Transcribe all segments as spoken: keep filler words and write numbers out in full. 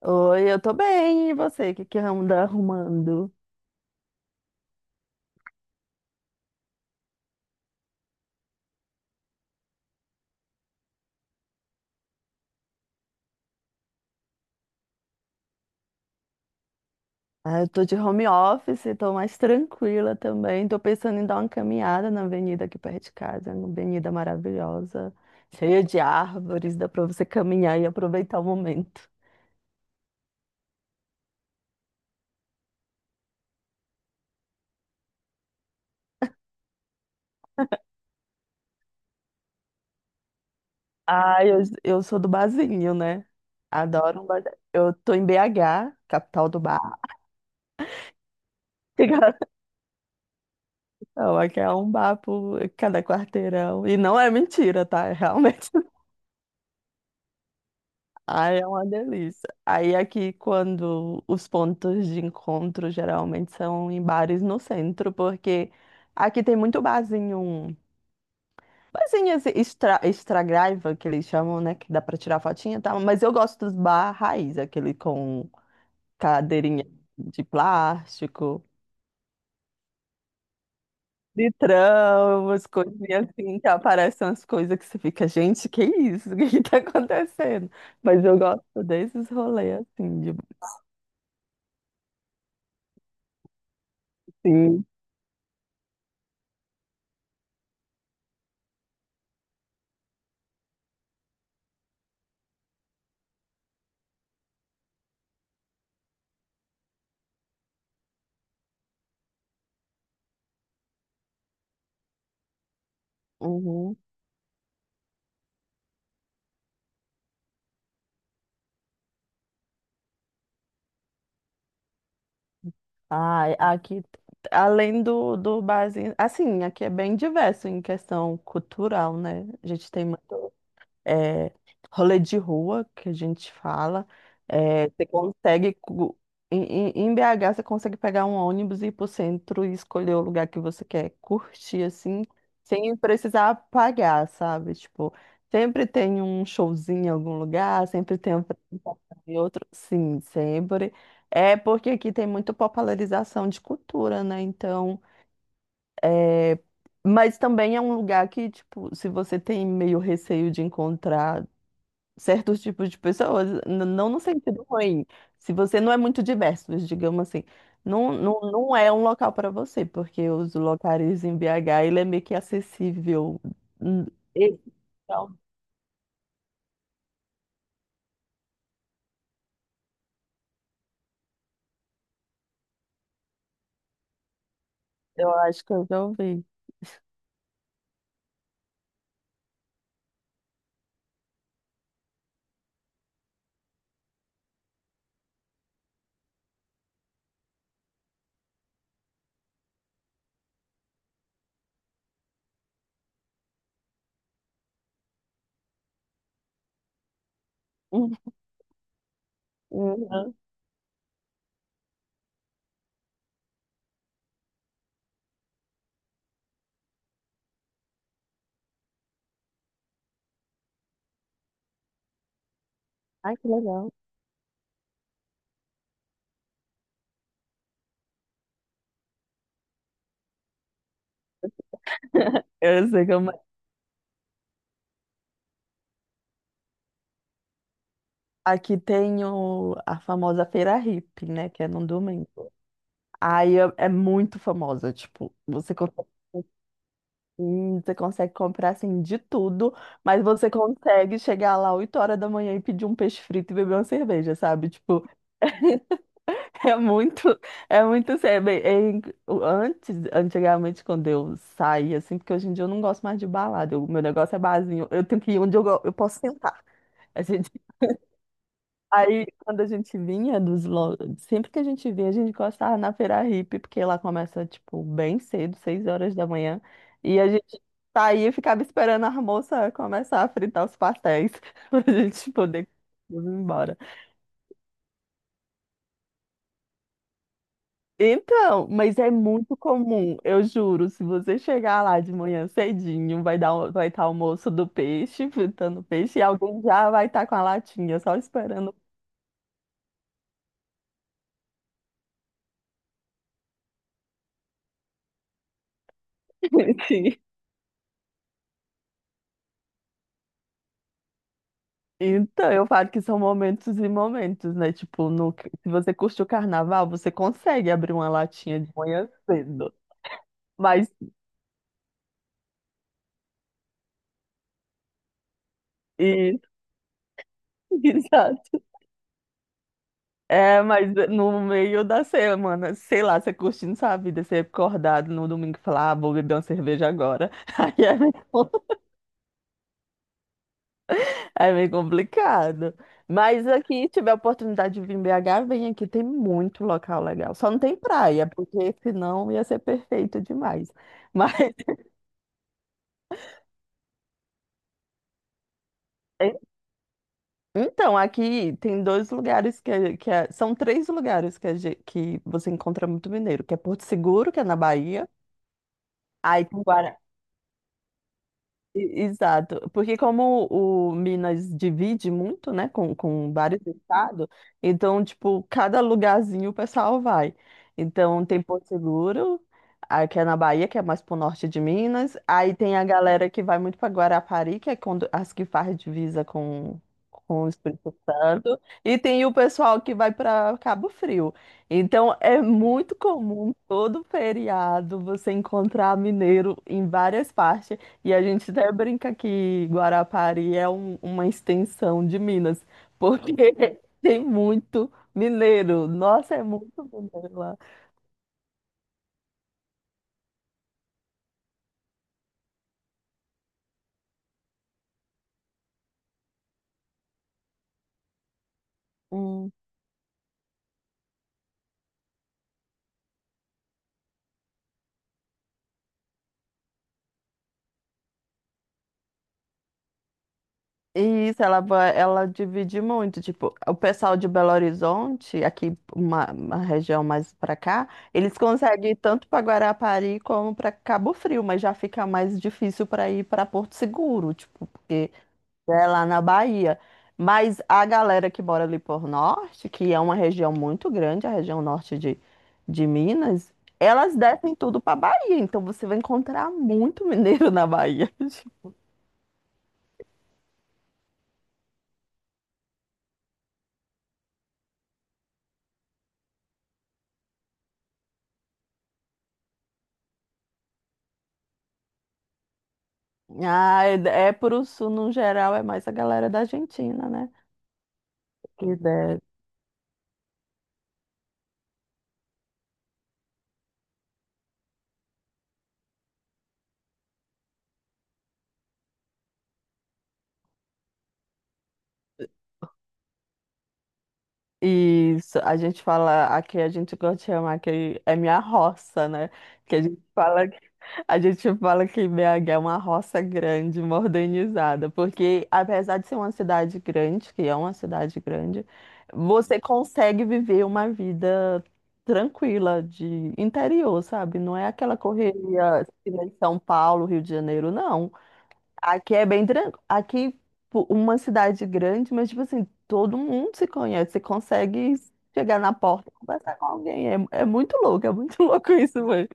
Oi, eu tô bem. E você? O que que anda arrumando? Ah, eu tô de home office, tô mais tranquila também. Tô pensando em dar uma caminhada na avenida aqui perto de casa, uma avenida maravilhosa, cheia de árvores, dá pra você caminhar e aproveitar o momento. Ah, eu, eu sou do barzinho, né? Adoro um bar. Eu tô em B H, capital do bar. Não, aqui é um bar por cada quarteirão. E não é mentira, tá? É realmente. Ai, é uma delícia. Aí aqui, quando os pontos de encontro geralmente são em bares no centro, porque aqui tem muito barzinho, barzinho assim, extra, extra graiva, que eles chamam, né, que dá pra tirar fotinha e tal, mas eu gosto dos bar raiz, aquele com cadeirinha de plástico, litrão, umas coisinhas assim, que aparecem umas coisas que você fica, gente, que isso? O que que tá acontecendo? Mas eu gosto desses rolês, assim, de... Sim. Uhum. Ah, aqui, além do, do barzinho, assim, aqui é bem diverso em questão cultural, né? A gente tem muito é, rolê de rua, que a gente fala. É, você consegue, cu- em, em em B H, você consegue pegar um ônibus e ir pro centro e escolher o lugar que você quer curtir, assim, sem precisar pagar, sabe? Tipo, sempre tem um showzinho em algum lugar, sempre tem um apresentação em outro. Sim, sempre. É porque aqui tem muita popularização de cultura, né? Então, é, mas também é um lugar que, tipo, se você tem meio receio de encontrar certos tipos de pessoas, n- não no sentido ruim. Se você não é muito diverso, digamos assim, não, não, não é um local para você, porque os locais em B H, ele é meio que acessível. Hum, e- Então, eu acho que eu já ouvi. Hum, uhum. Ai, que legal. Eu sei como... é. Aqui tem o- a famosa Feira Hippie, né? Que é no domingo. Aí é, é muito famosa, tipo, você Hum, Você consegue comprar assim de tudo, mas você consegue chegar lá oito horas da manhã e pedir um peixe frito e beber uma cerveja, sabe? Tipo, é muito, é muito sério. Bem, é in- o- Antes, antigamente, quando eu saía, assim, porque hoje em dia eu não gosto mais de balada, o meu negócio é barzinho, eu tenho que ir onde eu, go- eu posso sentar. Aí, quando a gente vinha dos. Lo- Sempre que a gente vinha, a gente gostava na Feira Hippie, porque lá começa, tipo, bem cedo, seis horas da manhã. E a gente saía e ficava esperando a moça começar a fritar os pastéis, pra gente poder ir embora. Então, mas é muito comum, eu juro, se você chegar lá de manhã cedinho, vai dar, o- vai estar o moço do peixe, fritando peixe, e alguém já vai estar com a latinha, só esperando. o peixe. Então, eu falo que são momentos e momentos, né? Tipo, no, se você curte o carnaval, você consegue abrir uma latinha de manhã cedo. Mas, e, exato. É, mas no meio da semana, sei lá, você curtindo sua vida, você acordado no domingo e falar, ah, vou beber uma cerveja agora. Aí é meio, é meio, complicado. Mas aqui, tiver a oportunidade de vir em B H, vem aqui, tem muito local legal. Só não tem praia, porque senão ia ser perfeito demais. Mas Então, aqui tem dois lugares que, é- que é- são três lugares que, a ge- que você encontra muito mineiro, que é Porto Seguro, que é na Bahia, aí tem e- Exato, porque como o Minas divide muito, né, com, com, vários estados, então, tipo, cada lugarzinho o pessoal vai. Então, tem Porto Seguro, aí que é na Bahia, que é mais pro norte de Minas, aí tem a galera que vai muito para Guarapari, que é quando, as que faz divisa com, com o Espírito Santo, e tem o pessoal que vai para Cabo Frio. Então, é muito comum todo feriado você encontrar mineiro em várias partes. E a gente até brinca que Guarapari é um- uma extensão de Minas, porque tem muito mineiro. Nossa, é muito mineiro lá. Hum. E isso, ela, va- ela divide muito. Tipo, o pessoal de Belo Horizonte, aqui uma, uma região mais pra cá, eles conseguem ir tanto para Guarapari como para Cabo Frio, mas já fica mais difícil para ir para Porto Seguro, tipo, porque é lá na Bahia. Mas a galera que mora ali por norte, que é uma região muito grande, a região norte de, de Minas, elas descem tudo pra Bahia. Então você vai encontrar muito mineiro na Bahia. Ah, é, é pro sul, no geral, é mais a galera da Argentina, né? Que desce. Isso, a gente fala, aqui a gente gosta de chamar que é minha roça, né? Que a gente fala que, a gente fala que B H é uma roça grande, modernizada, porque apesar de ser uma cidade grande, que é uma cidade grande, você consegue viver uma vida tranquila de interior, sabe? Não é aquela correria que nem São Paulo, Rio de Janeiro, não. Aqui é bem tranquilo. Aqui, pu- uma cidade grande, mas, tipo assim, todo mundo se conhece. Você consegue chegar na porta e conversar com alguém. É, é muito louco, é muito louco isso, mano.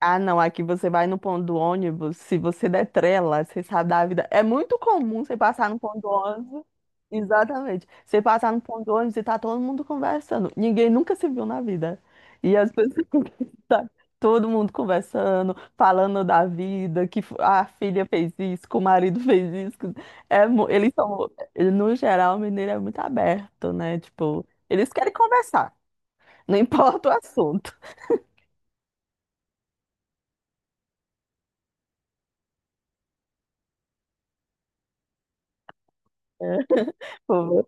Ah, não, aqui você vai no ponto do ônibus, se você der trela, você sabe da vida. É muito comum você passar no ponto do ônibus. Exatamente. Você passar no ponto do ônibus e tá todo mundo conversando. Ninguém nunca se viu na vida. E as pessoas tá todo mundo conversando, falando da vida, que f- a filha fez isso, que o marido fez isso. que- É, mu- eles são, no geral, o mineiro é muito aberto, né? Tipo, eles querem conversar, não importa o assunto. É. Pô,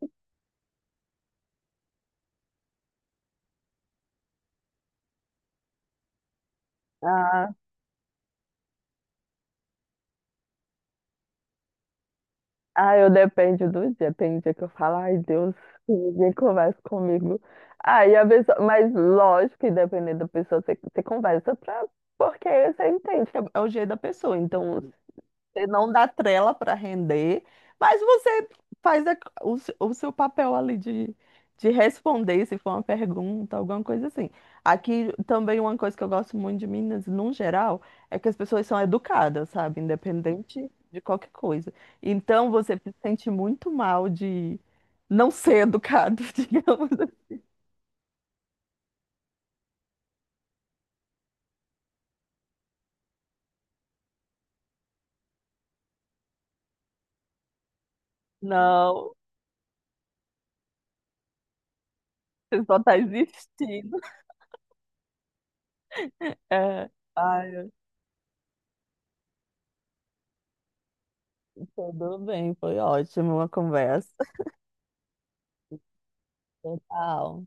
Ah, eu depende do dia. Tem dia que eu falo, ai Deus, ninguém conversa comigo. Aí a pessoa, mas lógico que dependendo da pessoa, você, você conversa pra, porque você entende que é o jeito da pessoa. Então, você não dá trela para render, mas você faz a- o, se- o seu papel ali de, de, responder se for uma pergunta, alguma coisa assim. Aqui também uma coisa que eu gosto muito de Minas, num geral, é que as pessoas são educadas, sabe? Independente de qualquer coisa. Então você se sente muito mal de não ser educado, digamos. Não, você só tá existindo. É. Ai, tudo bem, foi ótimo a conversa. Total.